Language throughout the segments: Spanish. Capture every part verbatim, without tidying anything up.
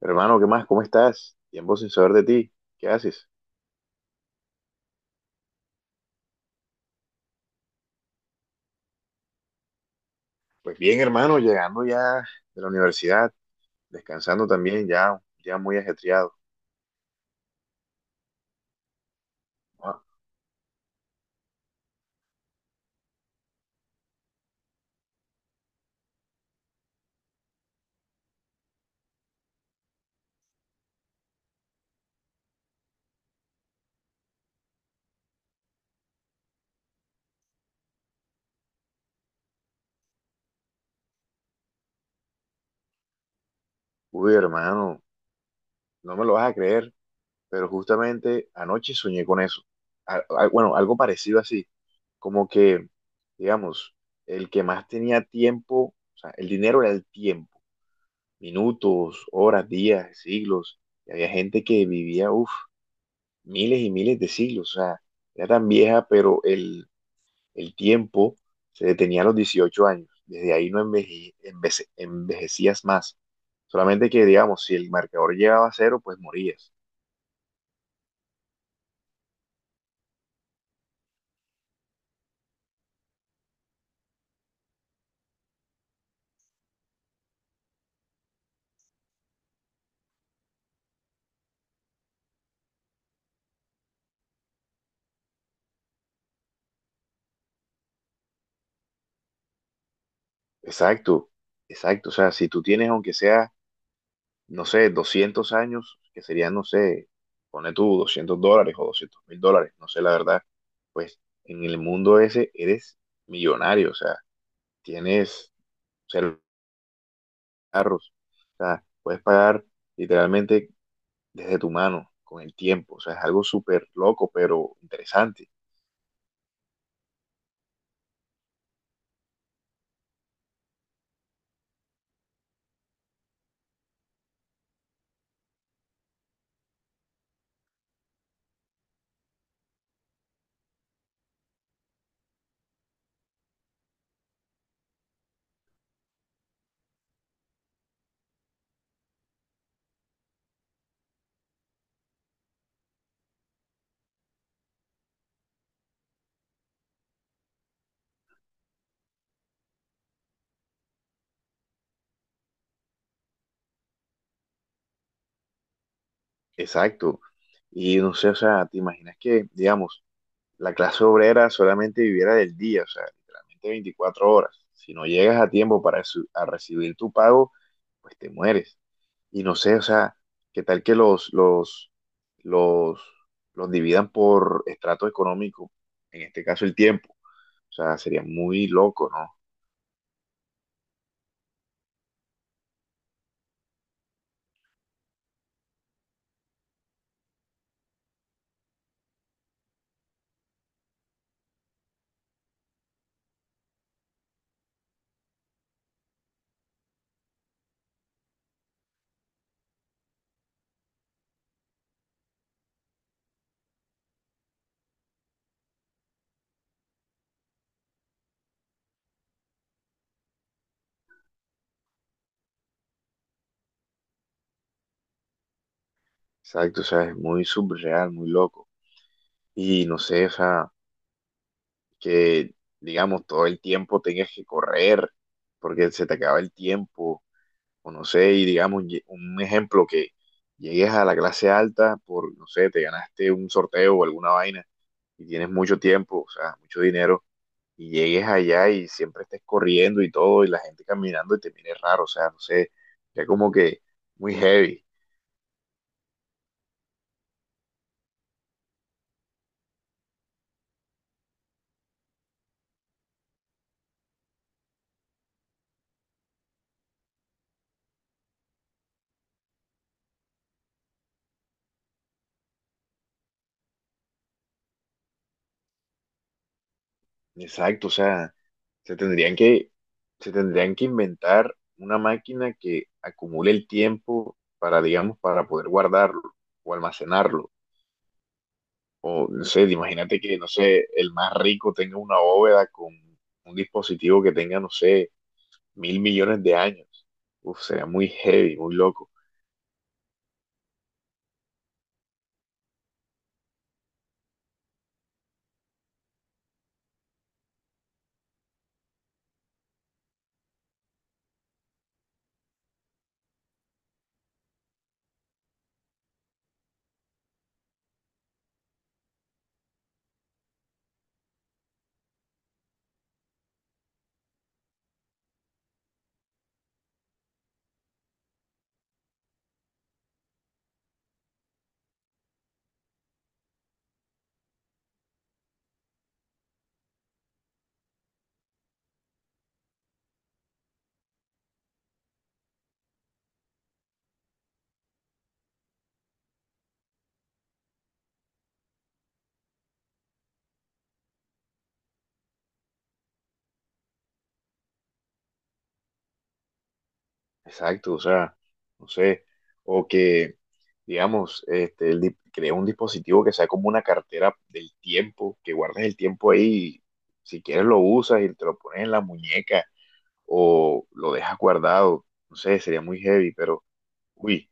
Hermano, ¿qué más? ¿Cómo estás? Tiempo sin saber de ti. ¿Qué haces? Pues bien, hermano, llegando ya de la universidad, descansando también, ya, ya muy ajetreado. Ah. Uy, hermano, no me lo vas a creer, pero justamente anoche soñé con eso. Al- al- bueno, algo parecido así, como que, digamos, el que más tenía tiempo, o sea, el dinero era el tiempo, minutos, horas, días, siglos, y había gente que vivía, uff, miles y miles de siglos, o sea, era tan vieja, pero el, el tiempo se detenía a los dieciocho años. Desde ahí no enveje- envece- envejecías más. Solamente que, digamos, si el marcador llegaba a cero, pues morías. Exacto, exacto. O sea, si tú tienes, aunque sea, no sé, doscientos años, que serían, no sé, pone tú doscientos dólares o doscientos mil dólares, no sé la verdad, pues en el mundo ese eres millonario. O sea, tienes, o sea, carros. O sea, puedes pagar literalmente desde tu mano, con el tiempo. O sea, es algo súper loco, pero interesante. Exacto. Y no sé, o sea, ¿te imaginas que, digamos, la clase obrera solamente viviera del día, o sea, literalmente veinticuatro horas? Si no llegas a tiempo para su- a recibir tu pago, pues te mueres. Y no sé, o sea, ¿qué tal que los, los, los, los dividan por estrato económico? En este caso, el tiempo. O sea, sería muy loco, ¿no? Exacto, o sea, es muy surreal, muy loco. Y no sé, o sea, que digamos todo el tiempo tengas que correr porque se te acaba el tiempo, o no sé, y digamos lle- un ejemplo que llegues a la clase alta por, no sé, te ganaste un sorteo o alguna vaina y tienes mucho tiempo, o sea, mucho dinero, y llegues allá y siempre estés corriendo y todo, y la gente caminando y te mire raro, o sea, no sé, ya como que muy heavy. Exacto, o sea. Se tendrían que, se tendrían que inventar una máquina que acumule el tiempo para, digamos, para poder guardarlo o almacenarlo. O, no sé, imagínate que, no sé, el más rico tenga una bóveda con un dispositivo que tenga, no sé, mil millones de años. Uf, sería muy heavy, muy loco. Exacto, o sea, no sé, o que, digamos, este, el di- crea un dispositivo que sea como una cartera del tiempo, que guardes el tiempo ahí, y si quieres lo usas y te lo pones en la muñeca o lo dejas guardado, no sé, sería muy heavy, pero, uy,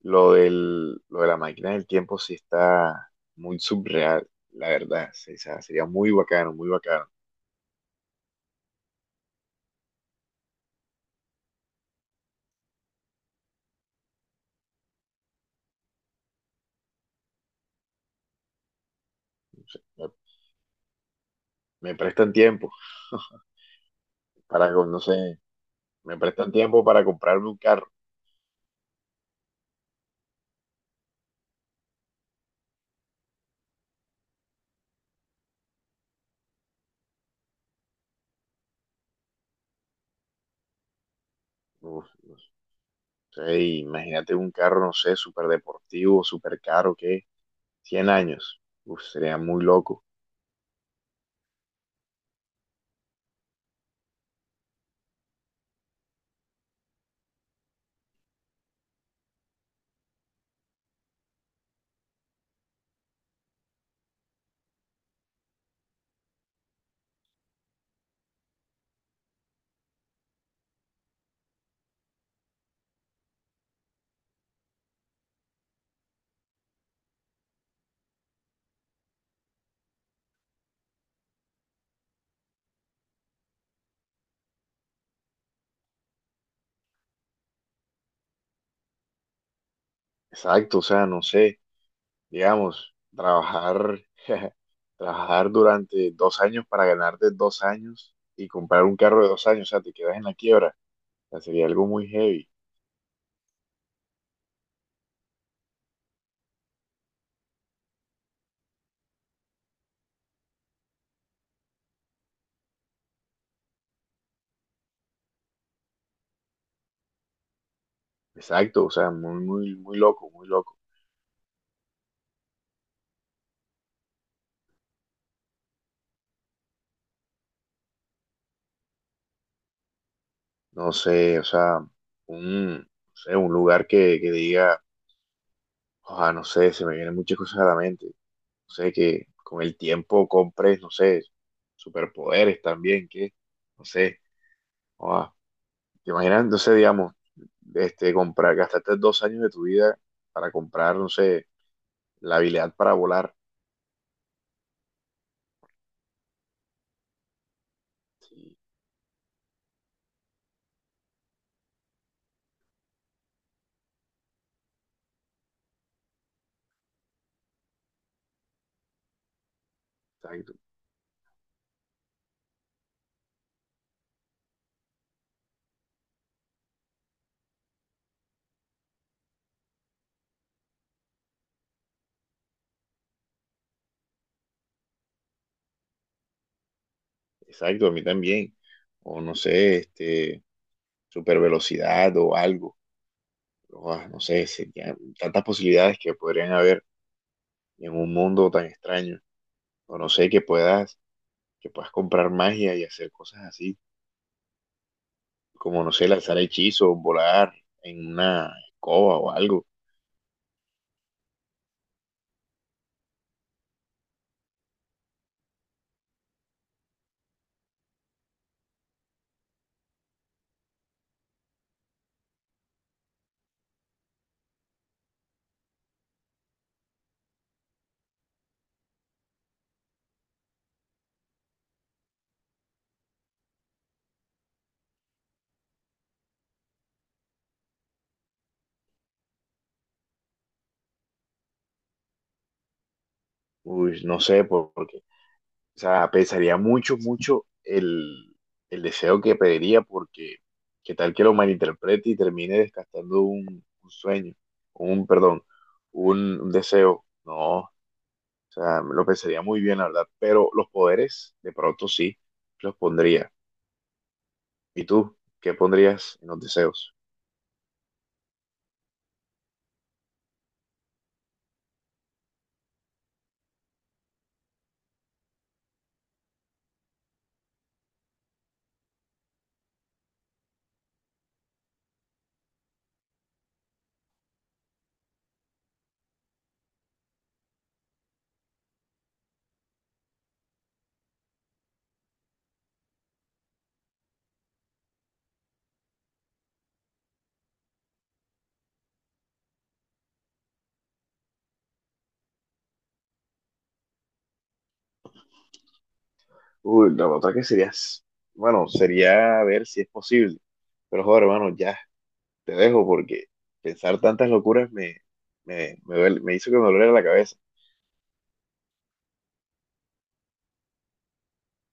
lo del, lo de la máquina del tiempo sí está muy subreal, la verdad, sí, o sea, sería muy bacano, muy bacano. No sé, me, me prestan tiempo para, no sé, me prestan tiempo para comprarme un carro. Uf, no. Sí, imagínate un carro, no sé, súper deportivo, súper caro, ¿qué? Cien años. Uf, sería muy loco. Exacto, o sea, no sé, digamos, trabajar, trabajar durante dos años para ganarte dos años y comprar un carro de dos años, o sea, te quedas en la quiebra. O sea, sería algo muy heavy. Exacto, o sea, muy, muy, muy loco, muy loco. No sé, o sea, un, no sé, un lugar que, que diga, ojalá, no sé, se me vienen muchas cosas a la mente. No sé, que con el tiempo compres, no sé, superpoderes también, que, no sé, ah, te imaginas, no sé, digamos, este, comprar, gastarte dos años de tu vida para comprar, no sé, la habilidad para volar. Sí, exacto, exacto, a mí también. O no sé, este, super velocidad o algo. Ah, no sé, serían tantas posibilidades que podrían haber en un mundo tan extraño. O no sé, que puedas, que puedas comprar magia y hacer cosas así. Como no sé, lanzar hechizos, volar en una escoba o algo. Uy, no sé, por- porque, o sea, pensaría mucho, mucho el, el deseo que pediría, porque qué tal que lo malinterprete y termine desgastando un, un sueño, un, perdón, un, un deseo. No, o sea, me lo pensaría muy bien, la verdad, pero los poderes, de pronto sí, los pondría. ¿Y tú? ¿Qué pondrías en los deseos? Uy, la otra que sería, s- bueno, sería ver si es posible. Pero joder, hermano, ya te dejo porque pensar tantas locuras me, me, me duele- me hizo que me doliera la cabeza.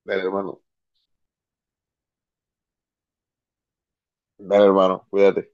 Dale, hermano. Dale, hermano. Cuídate.